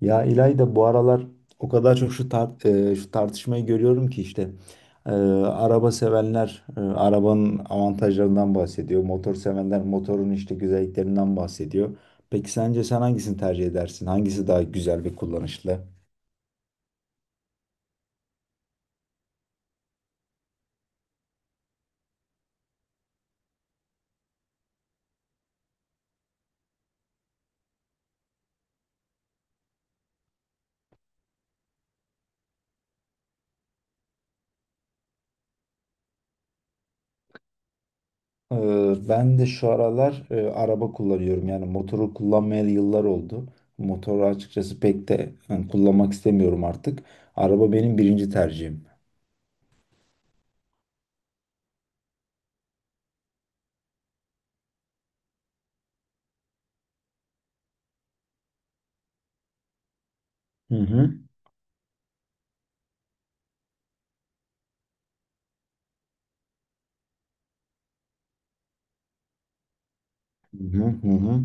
Ya İlayda bu aralar o kadar çok şu tartışmayı görüyorum ki araba sevenler arabanın avantajlarından bahsediyor. Motor sevenler motorun işte güzelliklerinden bahsediyor. Peki sence sen hangisini tercih edersin? Hangisi daha güzel ve kullanışlı? Ben de şu aralar araba kullanıyorum. Yani motoru kullanmayalı yıllar oldu. Motoru açıkçası pek de yani kullanmak istemiyorum artık. Araba benim birinci tercihim. Hı hı. Hı hı hı hı.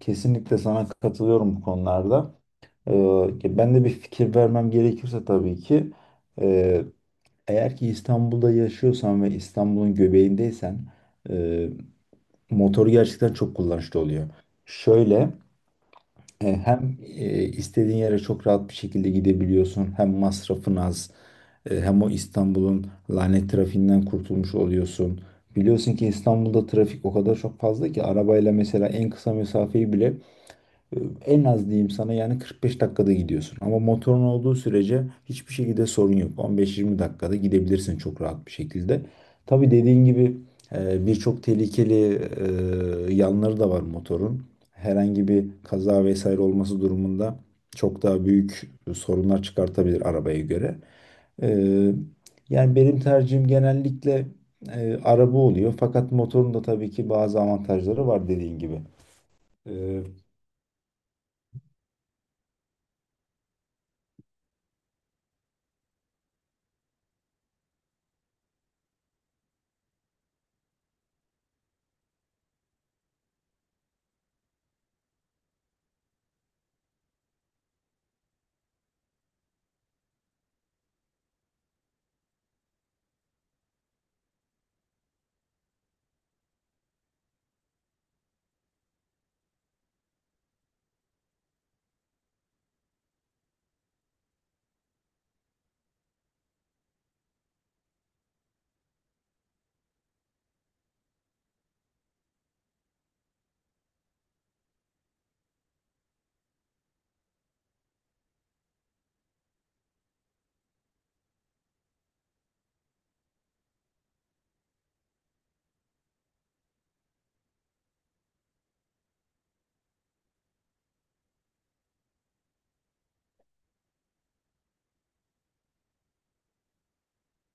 Kesinlikle sana katılıyorum bu konularda. Ben de bir fikir vermem gerekirse tabii ki e, eğer ki İstanbul'da yaşıyorsan ve İstanbul'un göbeğindeysen e, motoru gerçekten çok kullanışlı oluyor. Şöyle, hem istediğin yere çok rahat bir şekilde gidebiliyorsun, hem masrafın az, hem o İstanbul'un lanet trafiğinden kurtulmuş oluyorsun. Biliyorsun ki İstanbul'da trafik o kadar çok fazla ki arabayla mesela en kısa mesafeyi bile, en az diyeyim sana yani 45 dakikada gidiyorsun. Ama motorun olduğu sürece hiçbir şekilde sorun yok. 15-20 dakikada gidebilirsin çok rahat bir şekilde. Tabii dediğin gibi, birçok tehlikeli yanları da var motorun. Herhangi bir kaza vesaire olması durumunda çok daha büyük sorunlar çıkartabilir arabaya göre. E, Yani benim tercihim genellikle araba oluyor. Fakat motorun da tabii ki bazı avantajları var dediğin gibi. E,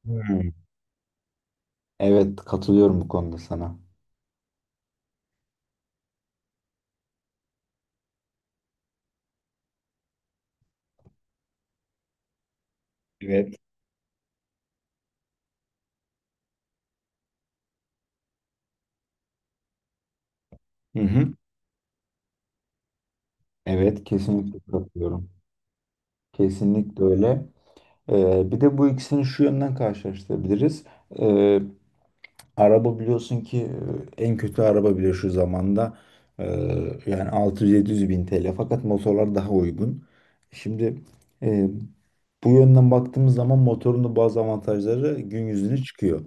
Hmm. Evet, katılıyorum bu konuda sana. Evet. Hı hı. Evet, kesinlikle katılıyorum. Kesinlikle öyle. Bir de bu ikisini şu yönden karşılaştırabiliriz. Ee, Araba biliyorsun ki, en kötü araba bile şu zamanda e, yani altı yüz yedi yüz bin TL. Fakat motorlar daha uygun. Şimdi e, bu yönden baktığımız zaman motorun da bazı avantajları gün yüzüne çıkıyor.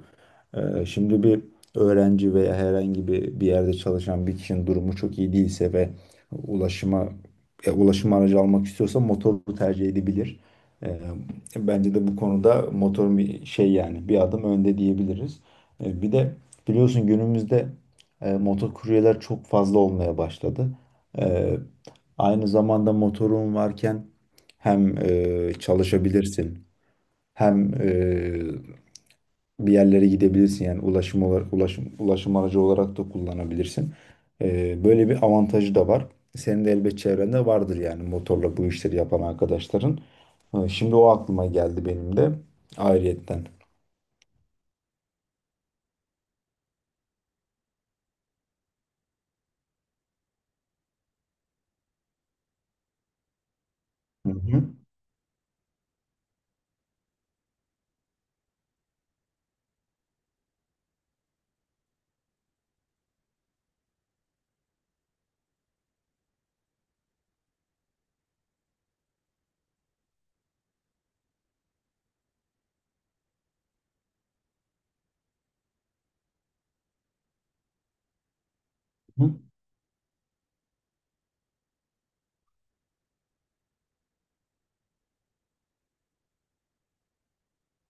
Şimdi bir öğrenci veya herhangi bir yerde çalışan bir kişinin durumu çok iyi değilse ve ulaşıma ulaşım aracı almak istiyorsa motoru tercih edebilir. Ee, Bence de bu konuda motorun bir şey yani bir adım önde diyebiliriz. Bir de biliyorsun günümüzde motor kuryeler çok fazla olmaya başladı. Ee, Aynı zamanda motorun varken hem çalışabilirsin hem bir yerlere gidebilirsin, yani ulaşım olarak ulaşım aracı olarak da kullanabilirsin. Böyle bir avantajı da var. Senin de elbet çevrende vardır yani motorla bu işleri yapan arkadaşların. Şimdi o aklıma geldi benim de ayrıyetten. Hı hı. Hı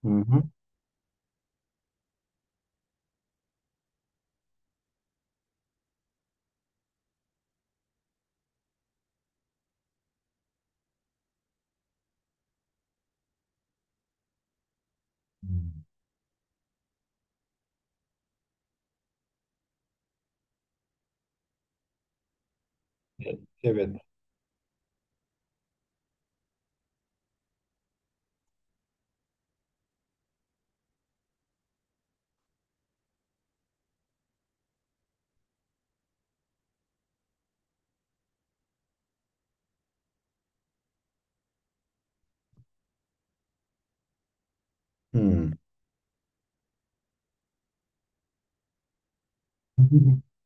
hı. Hı hı. Evet. Hmm.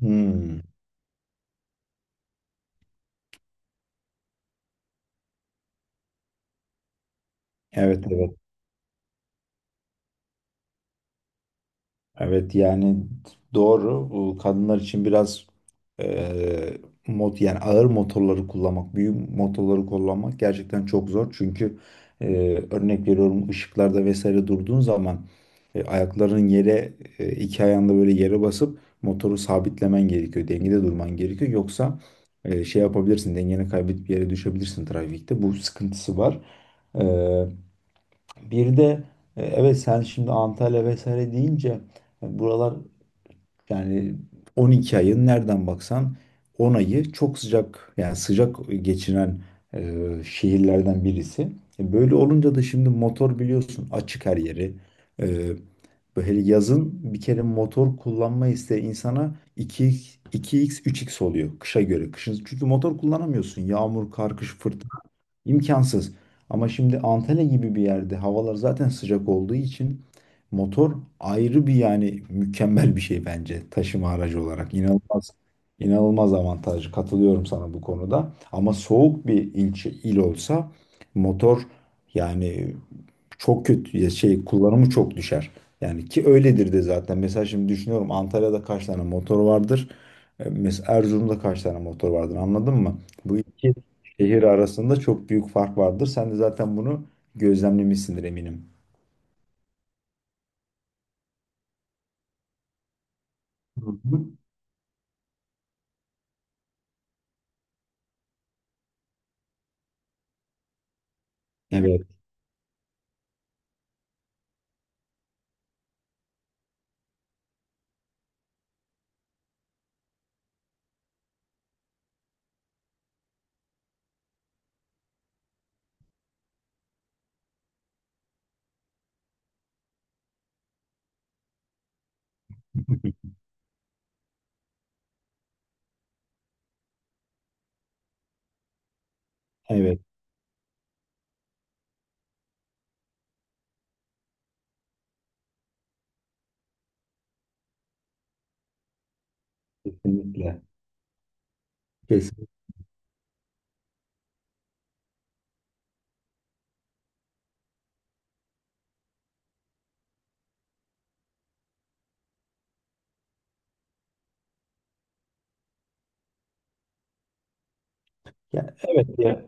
Hmm. Evet, evet. Evet yani doğru. Bu kadınlar için biraz eee mot yani ağır motorları kullanmak, büyük motorları kullanmak gerçekten çok zor. Çünkü, örnek veriyorum, ışıklarda vesaire durduğun zaman, ayakların yere, iki ayağında böyle yere basıp motoru sabitlemen gerekiyor. Dengede durman gerekiyor. Yoksa şey yapabilirsin, dengeni kaybedip yere düşebilirsin trafikte. Bu sıkıntısı var. E, bir de, evet sen şimdi Antalya vesaire deyince, buralar yani 12 ayın nereden baksan 10 ayı çok sıcak, yani sıcak geçiren şehirlerden birisi. Böyle olunca da şimdi motor, biliyorsun, açık her yeri. E, Böyle yazın bir kere motor kullanma isteği insana 2x, 3x oluyor kışa göre. Kışın çünkü motor kullanamıyorsun. Yağmur, kar, kış, fırtına imkansız. Ama şimdi Antalya gibi bir yerde havalar zaten sıcak olduğu için motor ayrı bir yani mükemmel bir şey bence taşıma aracı olarak. İnanılmaz avantajlı. Katılıyorum sana bu konuda. Ama soğuk bir ilçe il olsa motor yani çok kötü ya şey kullanımı çok düşer. Yani ki öyledir de zaten. Mesela şimdi düşünüyorum, Antalya'da kaç tane motor vardır? Mesela Erzurum'da kaç tane motor vardır, anladın mı? Bu iki şehir arasında çok büyük fark vardır. Sen de zaten bunu gözlemlemişsindir eminim. Hı hı. Evet. Evet, kesinlikle. Kesinlikle. Ya, evet ya.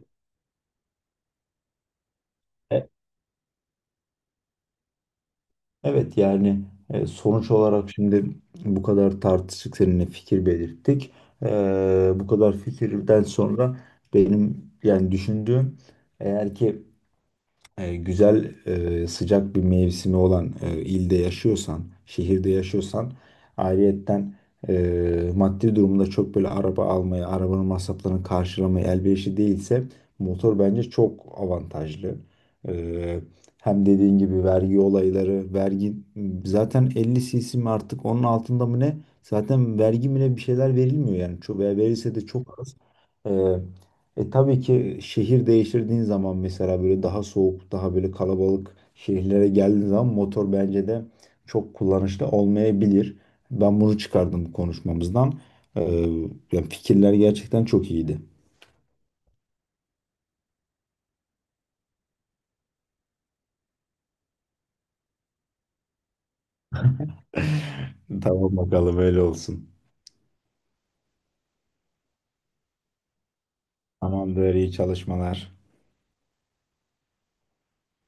Evet yani, sonuç olarak şimdi bu kadar tartıştık seninle, fikir belirttik. E, Bu kadar fikirden sonra benim yani düşündüğüm, eğer ki e, güzel sıcak bir mevsimi olan ilde yaşıyorsan, şehirde yaşıyorsan, ayrıyetten, maddi durumda çok böyle araba almaya, arabanın masraflarını karşılamaya elverişli değilse motor bence çok avantajlı. E, Hem dediğin gibi vergi olayları, vergi zaten 50 cc mi artık onun altında mı ne? Zaten vergi mi ne bir şeyler verilmiyor yani. Çok, veya verilse de çok az. E, tabii ki şehir değiştirdiğin zaman mesela böyle daha soğuk, daha böyle kalabalık şehirlere geldiğin zaman motor bence de çok kullanışlı olmayabilir. Ben bunu çıkardım konuşmamızdan. Ee, Yani fikirler gerçekten çok iyiydi. Tamam, bakalım öyle olsun. Tamamdır, iyi çalışmalar.